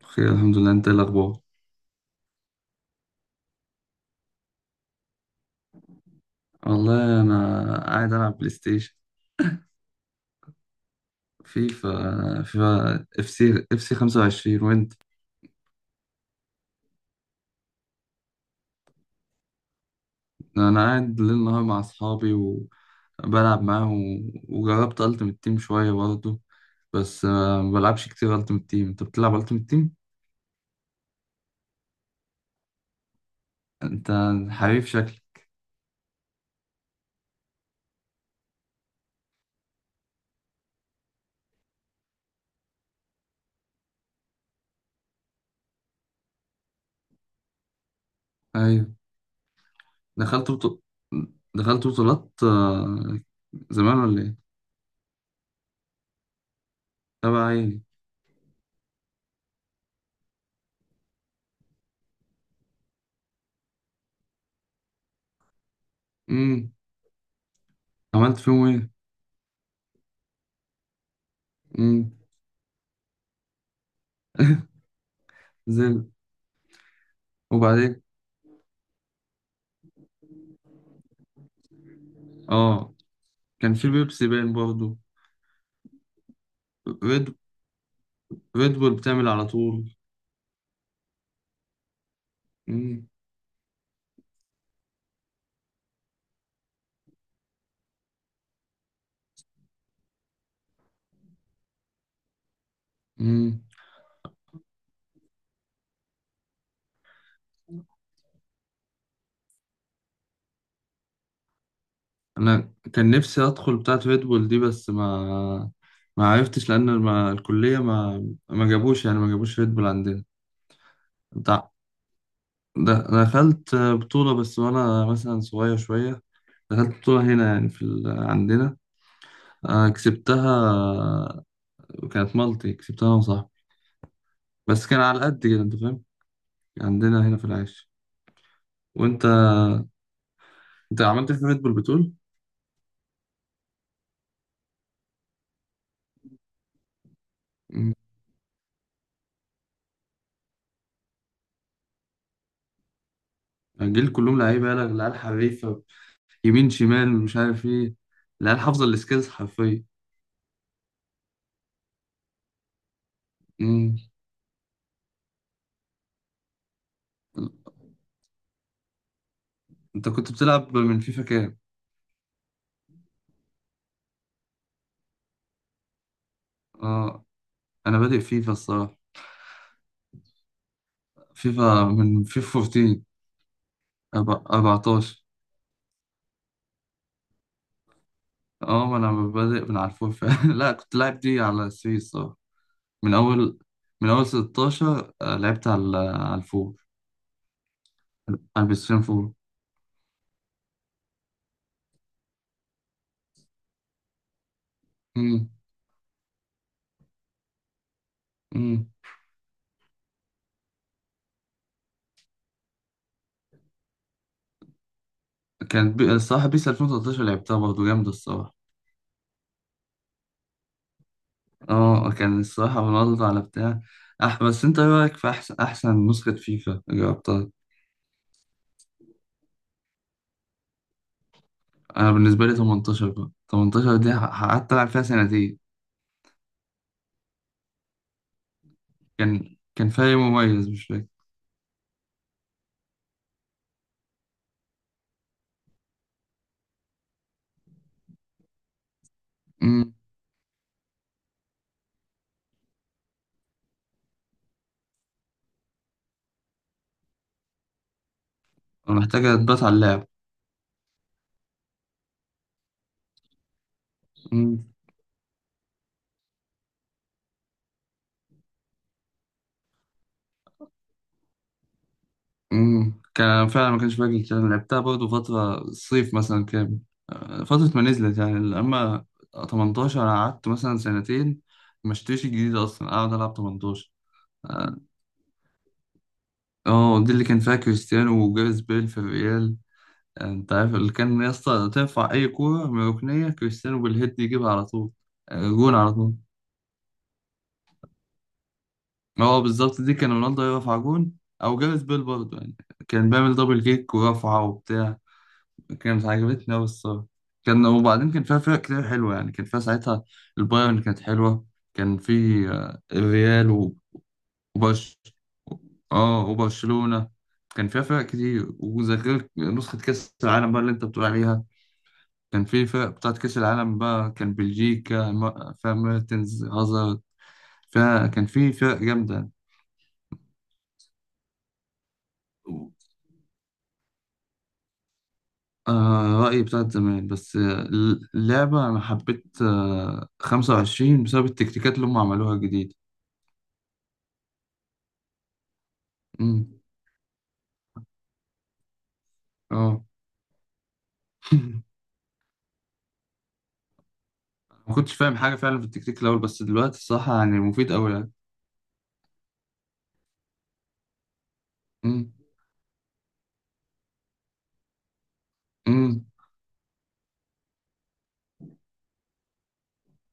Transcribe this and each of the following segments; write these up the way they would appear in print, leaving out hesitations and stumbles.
بخير، الحمد لله. انت ايه الاخبار؟ والله انا قاعد العب بلاي ستيشن. فيفا اف سي 25. وانت؟ انا قاعد ليل نهار مع اصحابي، وبلعب معاهم، وجربت التيمت تيم شويه برضه. بس ما بلعبش كتير التيمت تيم. انت بتلعب التيمت تيم؟ انت حريف شكلك. ايوه. دخلت بطو... دخلت بطولات، زمان ولا ايه؟ تبع ايه؟ امم. عملت فيهم ايه؟ امم. زي. وبعدين؟ اه، كان في بيبسي باين برضه. ريد ريد بول بتعمل على طول. مم. مم. انا كان نفسي ادخل بتاعه ريد بول دي، بس ما عرفتش، لان ما الكليه ما جابوش، يعني ما جابوش ريد بول عندنا. ده ده دخلت بطوله بس وانا مثلا صغير شويه. دخلت بطوله هنا يعني عندنا. كسبتها. كانت مالتي، كسبتها انا وصاحبي، بس كان على قد كده، انت فاهم. عندنا هنا في العيش. وانت عملت إيه في ريد بول بتقول؟ الجيل كلهم لعيبه، يالا العيال حريفه، يمين شمال مش عارف ايه. العيال حافظه السكيلز حرفيا. مم. انت كنت بتلعب من فيفا كام؟ اه، انا بادئ فيفا الصراحه. فيفا، من فيفا 14. 14. اه، ما انا بادئ من على الفور فعلا. لا، كنت لاعب دي على 3 الصراحه. من اول من اول 16، لعبت على الفور، على البلاي ستيشن 4. مم. مم. الصراحه بيس 2013 لعبتها برضه، جامده الصراحه. اه، كان الصراحة رونالدو على بتاع. بس أنت إيه رأيك في أحسن نسخة فيفا جربتها؟ أنا بالنسبة لي 18. بقى 18 دي قعدت ألعب فيها سنتين. كان فريق مميز، مش فاكر. أمم. أنا محتاج أتبات على اللعب. أمم. أمم. كان أنا فعلا ما كانش فاكر الكلام. لعبتها برضه فترة الصيف مثلا كامل، فترة ما نزلت يعني. أما 18، أنا قعدت مثلا سنتين، ما اشتريش الجديد أصلا، أقعد ألعب 18. اه، دي اللي كان فيها كريستيانو وجاريث بيل في الريال. انت عارف اللي كان يا اسطى، تنفع اي كوره من ركنيه كريستيانو بالهيد يجيبها على طول. جون على طول. هو بالظبط، دي كان رونالدو يرفع جون، او جاريث بيل برضه يعني، كان بيعمل دبل كيك ورفعه وبتاع. كانت عجبتني قوي الصراحه. وبعدين كان فيها فرق كتير حلوه يعني، كان فيها ساعتها البايرن كانت حلوه. كان في الريال و- وبرش اه، وبرشلونه. كان فيها فرق كتير، وغير نسخه كاس العالم بقى اللي انت بتقول عليها، كان في فرق بتاعت كأس العالم بقى. كان بلجيكا فيها ميرتنز، هازارد، فيها. كان في فرق جامدة. آه، رأيي بتاعت زمان، بس اللعبة أنا حبيت 25 بسبب التكتيكات اللي هم عملوها جديد. مم. اه. ما كنتش فاهم حاجة فعلا في التكتيك الأول، بس دلوقتي الصراحة يعني مفيد أوي يعني. مم. مم.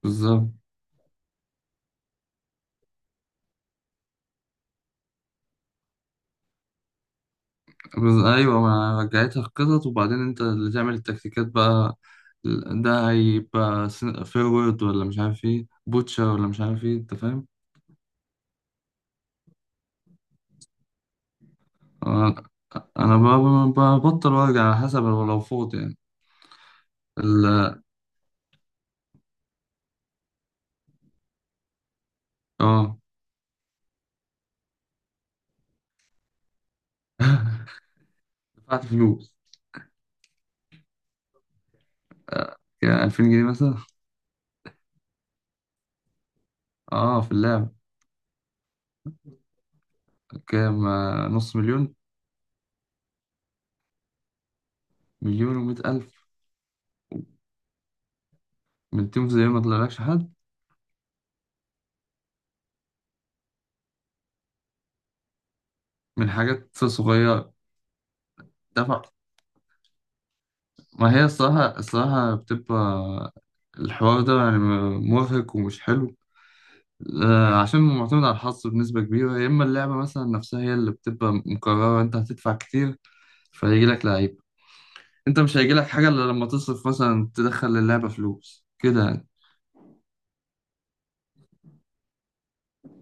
بالظبط. ايوه، ما رجعتها القطط، وبعدين انت اللي تعمل التكتيكات بقى. ده هيبقى فيرويد ولا مش عارف ايه، بوتشر ولا مش عارف ايه، انت فاهم. انا ببطل وارجع على حسب، لو فوت يعني. ال. اه. دفعت فلوس. كان 2000 جنيه مثلا. اه، في اللعب. كام؟ نص مليون. 1,100,000. من تيم، زي ما طلعلكش حد. من حاجات صغيرة. دفع. ما هي الصراحة بتبقى الحوار ده يعني، مرهق ومش حلو. عشان معتمد على الحظ بنسبة كبيرة، يا إما اللعبة مثلا نفسها هي اللي بتبقى مكررة. أنت هتدفع كتير فهيجي لك لعيب. أنت مش هيجي لك حاجة إلا لما تصرف مثلا، تدخل للعبة فلوس كده يعني.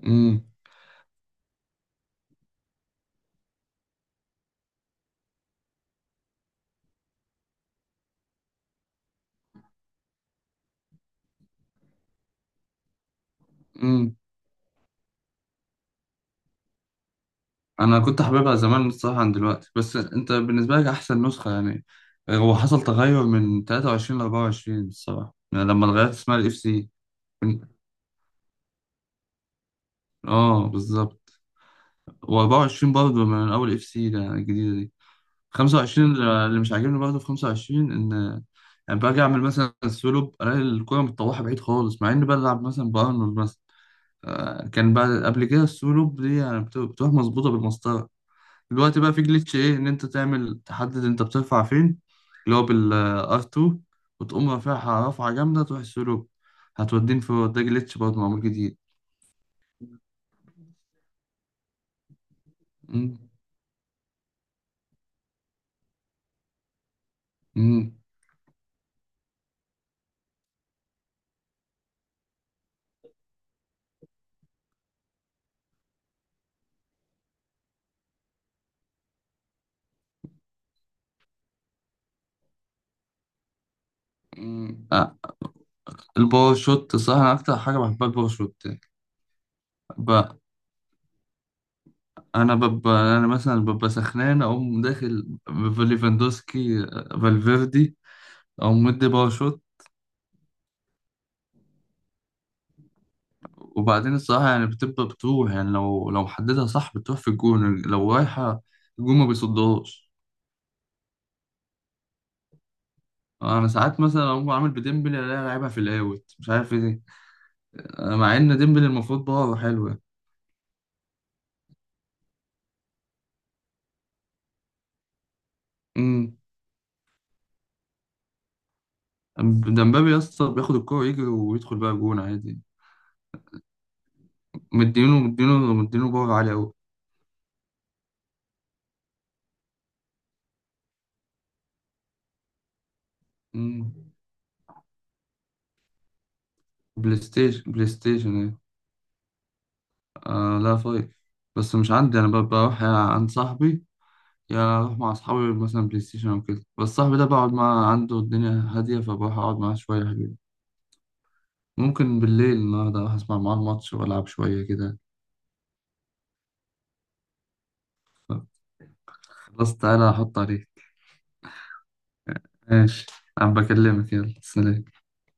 امم. امم. أنا كنت حاببها زمان الصراحة عن دلوقتي. بس أنت بالنسبة لك أحسن نسخة يعني، هو حصل تغير من 23 ل 24 الصراحة يعني، لما اتغيرت اسمها الإف سي. اه، بالظبط. و24 برضه، من اول اف سي الجديده دي، 25، اللي مش عاجبني برضه في 25، ان يعني باجي اعمل مثلا سولو، الاقي الكوره متطوحه بعيد خالص، مع اني بلعب مثلا بارنولد مثلا. كان بعد قبل كده السولو دي يعني بتروح مظبوطه بالمسطره. دلوقتي بقى في جليتش، ايه ان انت تعمل تحدد انت بترفع فين، اللي هو بالار 2، وتقوم رافعها رفعه جامده، تروح السولو هتودين في. ده جليتش برضه معمول جديد. مم. مم. مم. الباور شوت، صح؟ انا اكتر حاجه بحبها الباور شوت بقى. انا مثلا ببقى سخنان، اقوم داخل ليفاندوسكي، فالفيردي، اقوم مدي باور شوت. وبعدين الصراحه يعني بتبقى بتروح يعني، لو محددها صح بتروح في الجون، لو رايحه الجون ما بيصدهاش. انا ساعات مثلا اقوم عامل بديمبلي، الاقيها لعبها في الاوت مش عارف ايه، مع ان ديمبلي المفروض باور حلوه. امم. ده مبابي يا اسطى، بياخد الكوره يجري ويدخل بقى جون عادي. مدينه مدينه مدينه، باور عالي قوي. مم. بلاي ستيشن. بلاي ستيشن ايه؟ لا، فايف، بس مش عندي انا. بروح يا عند صاحبي، يا اروح مع اصحابي مثلا بلاي ستيشن او كده. بس صاحبي ده بقعد معاه عنده، الدنيا هاديه، فبروح اقعد معاه شويه حلوين. ممكن بالليل النهارده اروح اسمع معاه الماتش والعب شويه كده. خلاص، تعالى احط عليك. ماشي، انا بكلمك، يلا سلام.